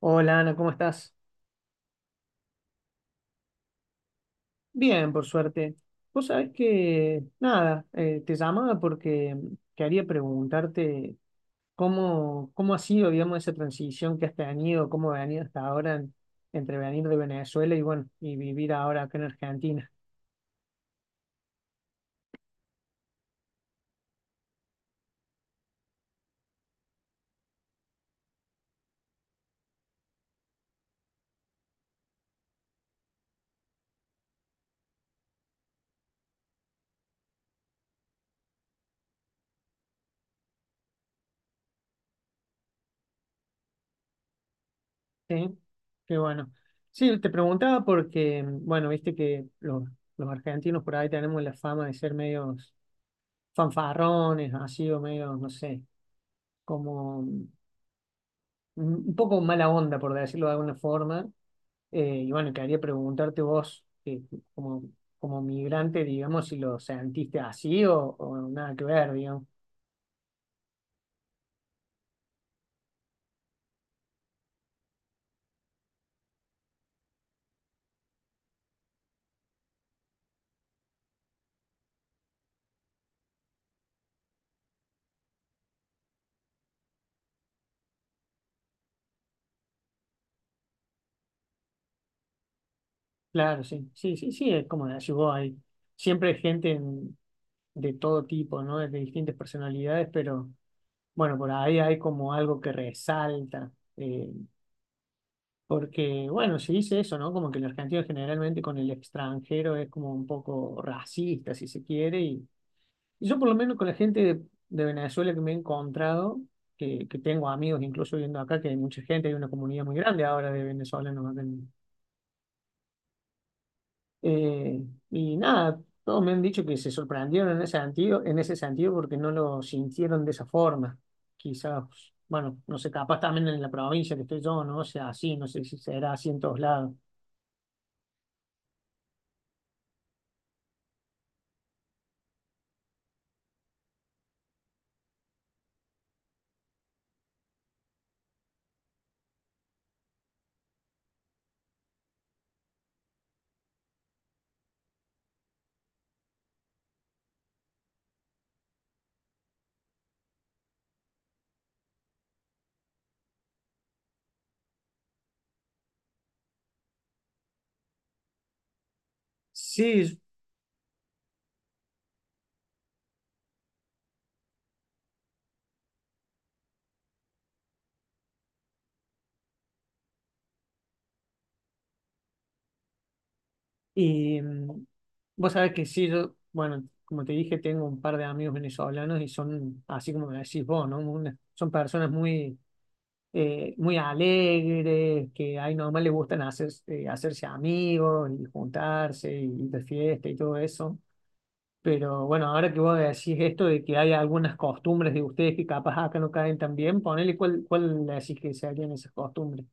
Hola Ana, ¿cómo estás? Bien, por suerte. Vos sabés que, nada, te llamaba porque quería preguntarte cómo ha sido, digamos, esa transición que has tenido, cómo ha venido hasta ahora entre venir de Venezuela y, bueno, y vivir ahora acá en Argentina. Sí, qué bueno. Sí, te preguntaba porque, bueno, viste que los argentinos por ahí tenemos la fama de ser medios fanfarrones, así o medios, no sé, como... mm, un poco mala onda, por decirlo de alguna forma. Y bueno, quería preguntarte vos, como, como migrante, digamos, si lo sentiste así o nada que ver, digamos. Claro, sí, sí, sí, sí, es como decís vos, hay siempre hay gente de todo tipo, ¿no? De distintas personalidades, pero bueno, por ahí hay como algo que resalta. Eh, porque, bueno, se dice eso, ¿no? Como que el argentino generalmente con el extranjero es como un poco racista, si se quiere, y yo por lo menos con la gente de Venezuela que me he encontrado, que tengo amigos incluso viendo acá, que hay mucha gente, hay una comunidad muy grande ahora de venezolanos acá eh, y nada, todos me han dicho que se sorprendieron en ese sentido porque no lo sintieron de esa forma. Quizás, bueno, no sé, capaz también en la provincia que estoy yo, no sé, así, no sé si será así en todos lados. Sí, y vos sabés que sí, yo, bueno, como te dije, tengo un par de amigos venezolanos y son, así como me decís vos, ¿no? Una- son personas muy, muy alegres, que ahí nomás les gustan hacer, hacerse amigos y juntarse y ir de fiesta y todo eso. Pero bueno, ahora que vos decís esto de que hay algunas costumbres de ustedes que capaz acá no caen tan bien, ponele cuál, cuál le decís que serían esas costumbres.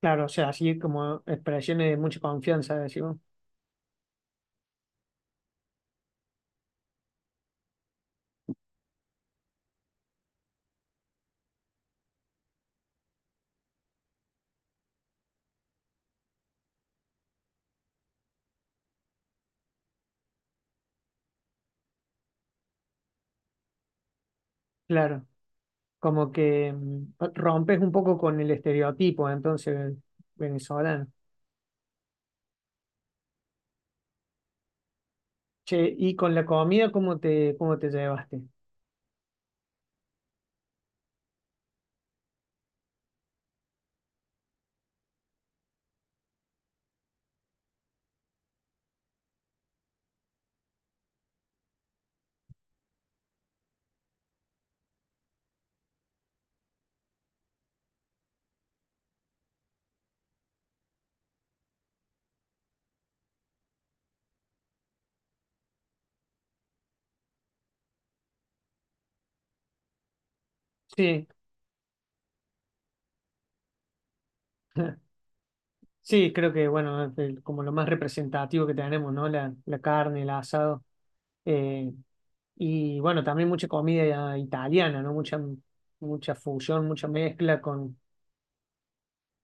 Claro, o sea, así como expresiones de mucha confianza, decimos. Claro, como que rompes un poco con el estereotipo, entonces, venezolano. Che, y con la comida, cómo te llevaste? Sí, sí, creo que, bueno, es como lo más representativo que tenemos, ¿no? La carne, el asado. Eh, y bueno, también mucha comida italiana, ¿no? Mucha, mucha fusión, mucha mezcla con...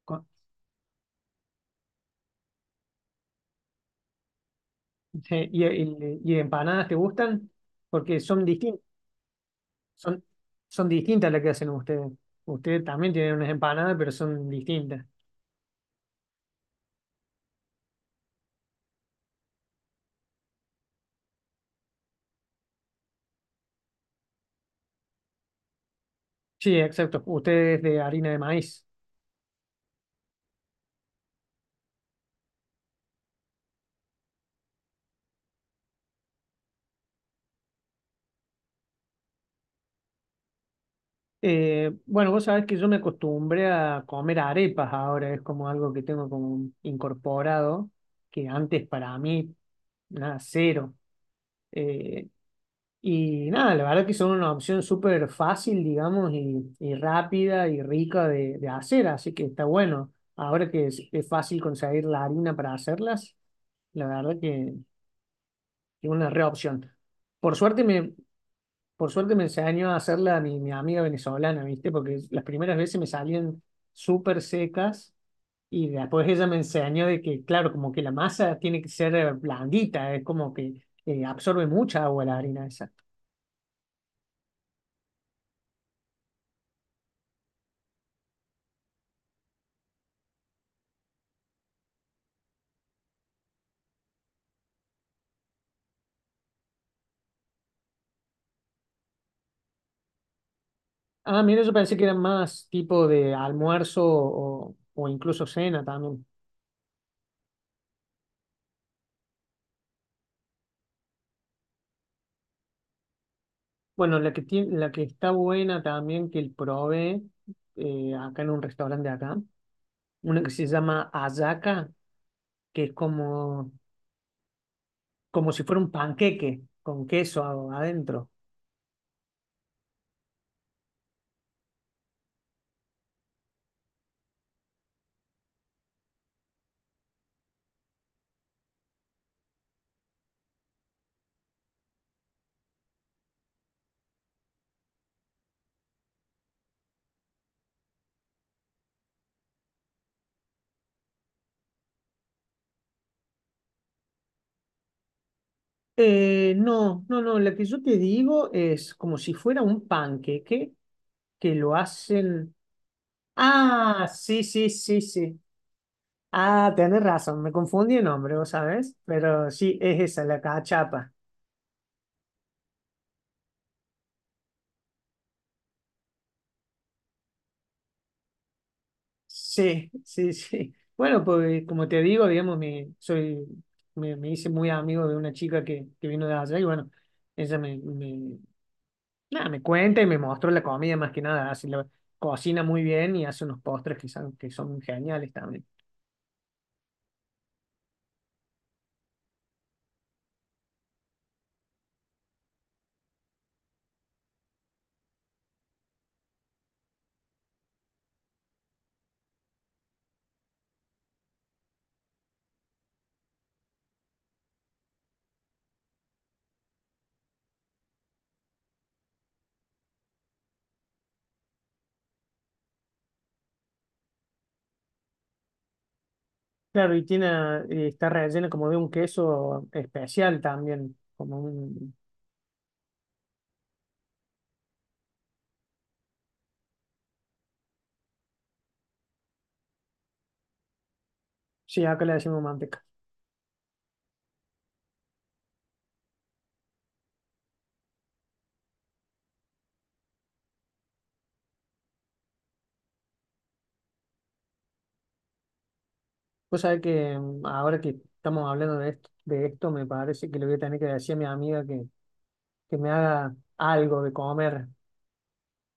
con- y, y empanadas te gustan? Porque son distintas. Son, son distintas las que hacen ustedes. Ustedes también tienen unas empanadas, pero son distintas. Sí, exacto. Ustedes de harina de maíz. Bueno, vos sabés que yo me acostumbré a comer arepas ahora, es como algo que tengo como incorporado, que antes para mí, nada, cero. Eh, y nada, la verdad que son una opción súper fácil, digamos, y rápida y rica de hacer, así que está bueno. Ahora que es fácil conseguir la harina para hacerlas, la verdad que es una re opción. Por suerte me, por suerte me enseñó a hacerla mi, mi amiga venezolana, ¿viste? Porque las primeras veces me salían súper secas y después ella me enseñó de que, claro, como que la masa tiene que ser blandita, es como que absorbe mucha agua la harina esa. Ah, mira, yo pensé que era más tipo de almuerzo o incluso cena también. Bueno, la que tiene, la que está buena también que el probé acá en un restaurante de acá una que se llama hallaca, que es como, como si fuera un panqueque con queso adentro. No, no, no, la que yo te digo es como si fuera un panqueque que lo hacen. Ah, sí, sí, sí, sí. Ah, tenés razón, me confundí el nombre, vos sabés, pero sí, es esa, la cachapa. Sí, sí, sí. Bueno, pues como te digo, digamos, me, soy, me hice muy amigo de una chica que vino de allá y bueno, ella me, me, nada, me cuenta y me mostró la comida más que nada. Así la cocina muy bien y hace unos postres que son geniales también. Claro, y tiene, está rellena como de un queso especial también, como un... Sí, acá le decimos manteca. Pues sabés que ahora que estamos hablando de esto, me parece que le voy a tener que decir a mi amiga que me haga algo de comer.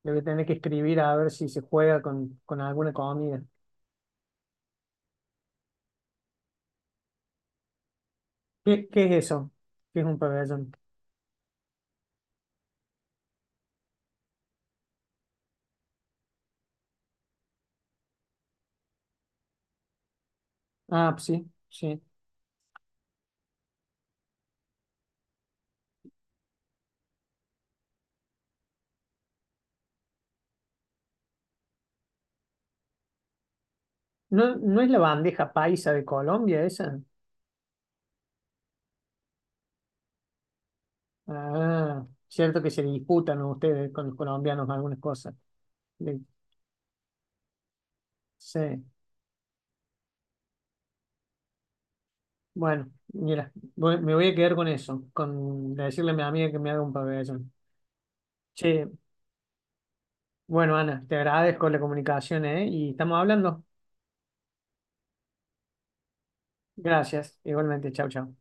Le voy a tener que escribir a ver si se juega con alguna comida. ¿Qué, qué es eso? ¿Qué es un pabellón? Ah, sí, sí. ¿No, no es la bandeja paisa de Colombia esa? Ah, cierto que se disputan ustedes con los colombianos algunas cosas. Le- sí. Bueno, mira, me voy a quedar con eso, con decirle a mi amiga que me haga un pabellón. Che, bueno, Ana, te agradezco la comunicación, ¿eh? Y estamos hablando. Gracias, igualmente. Chau, chau.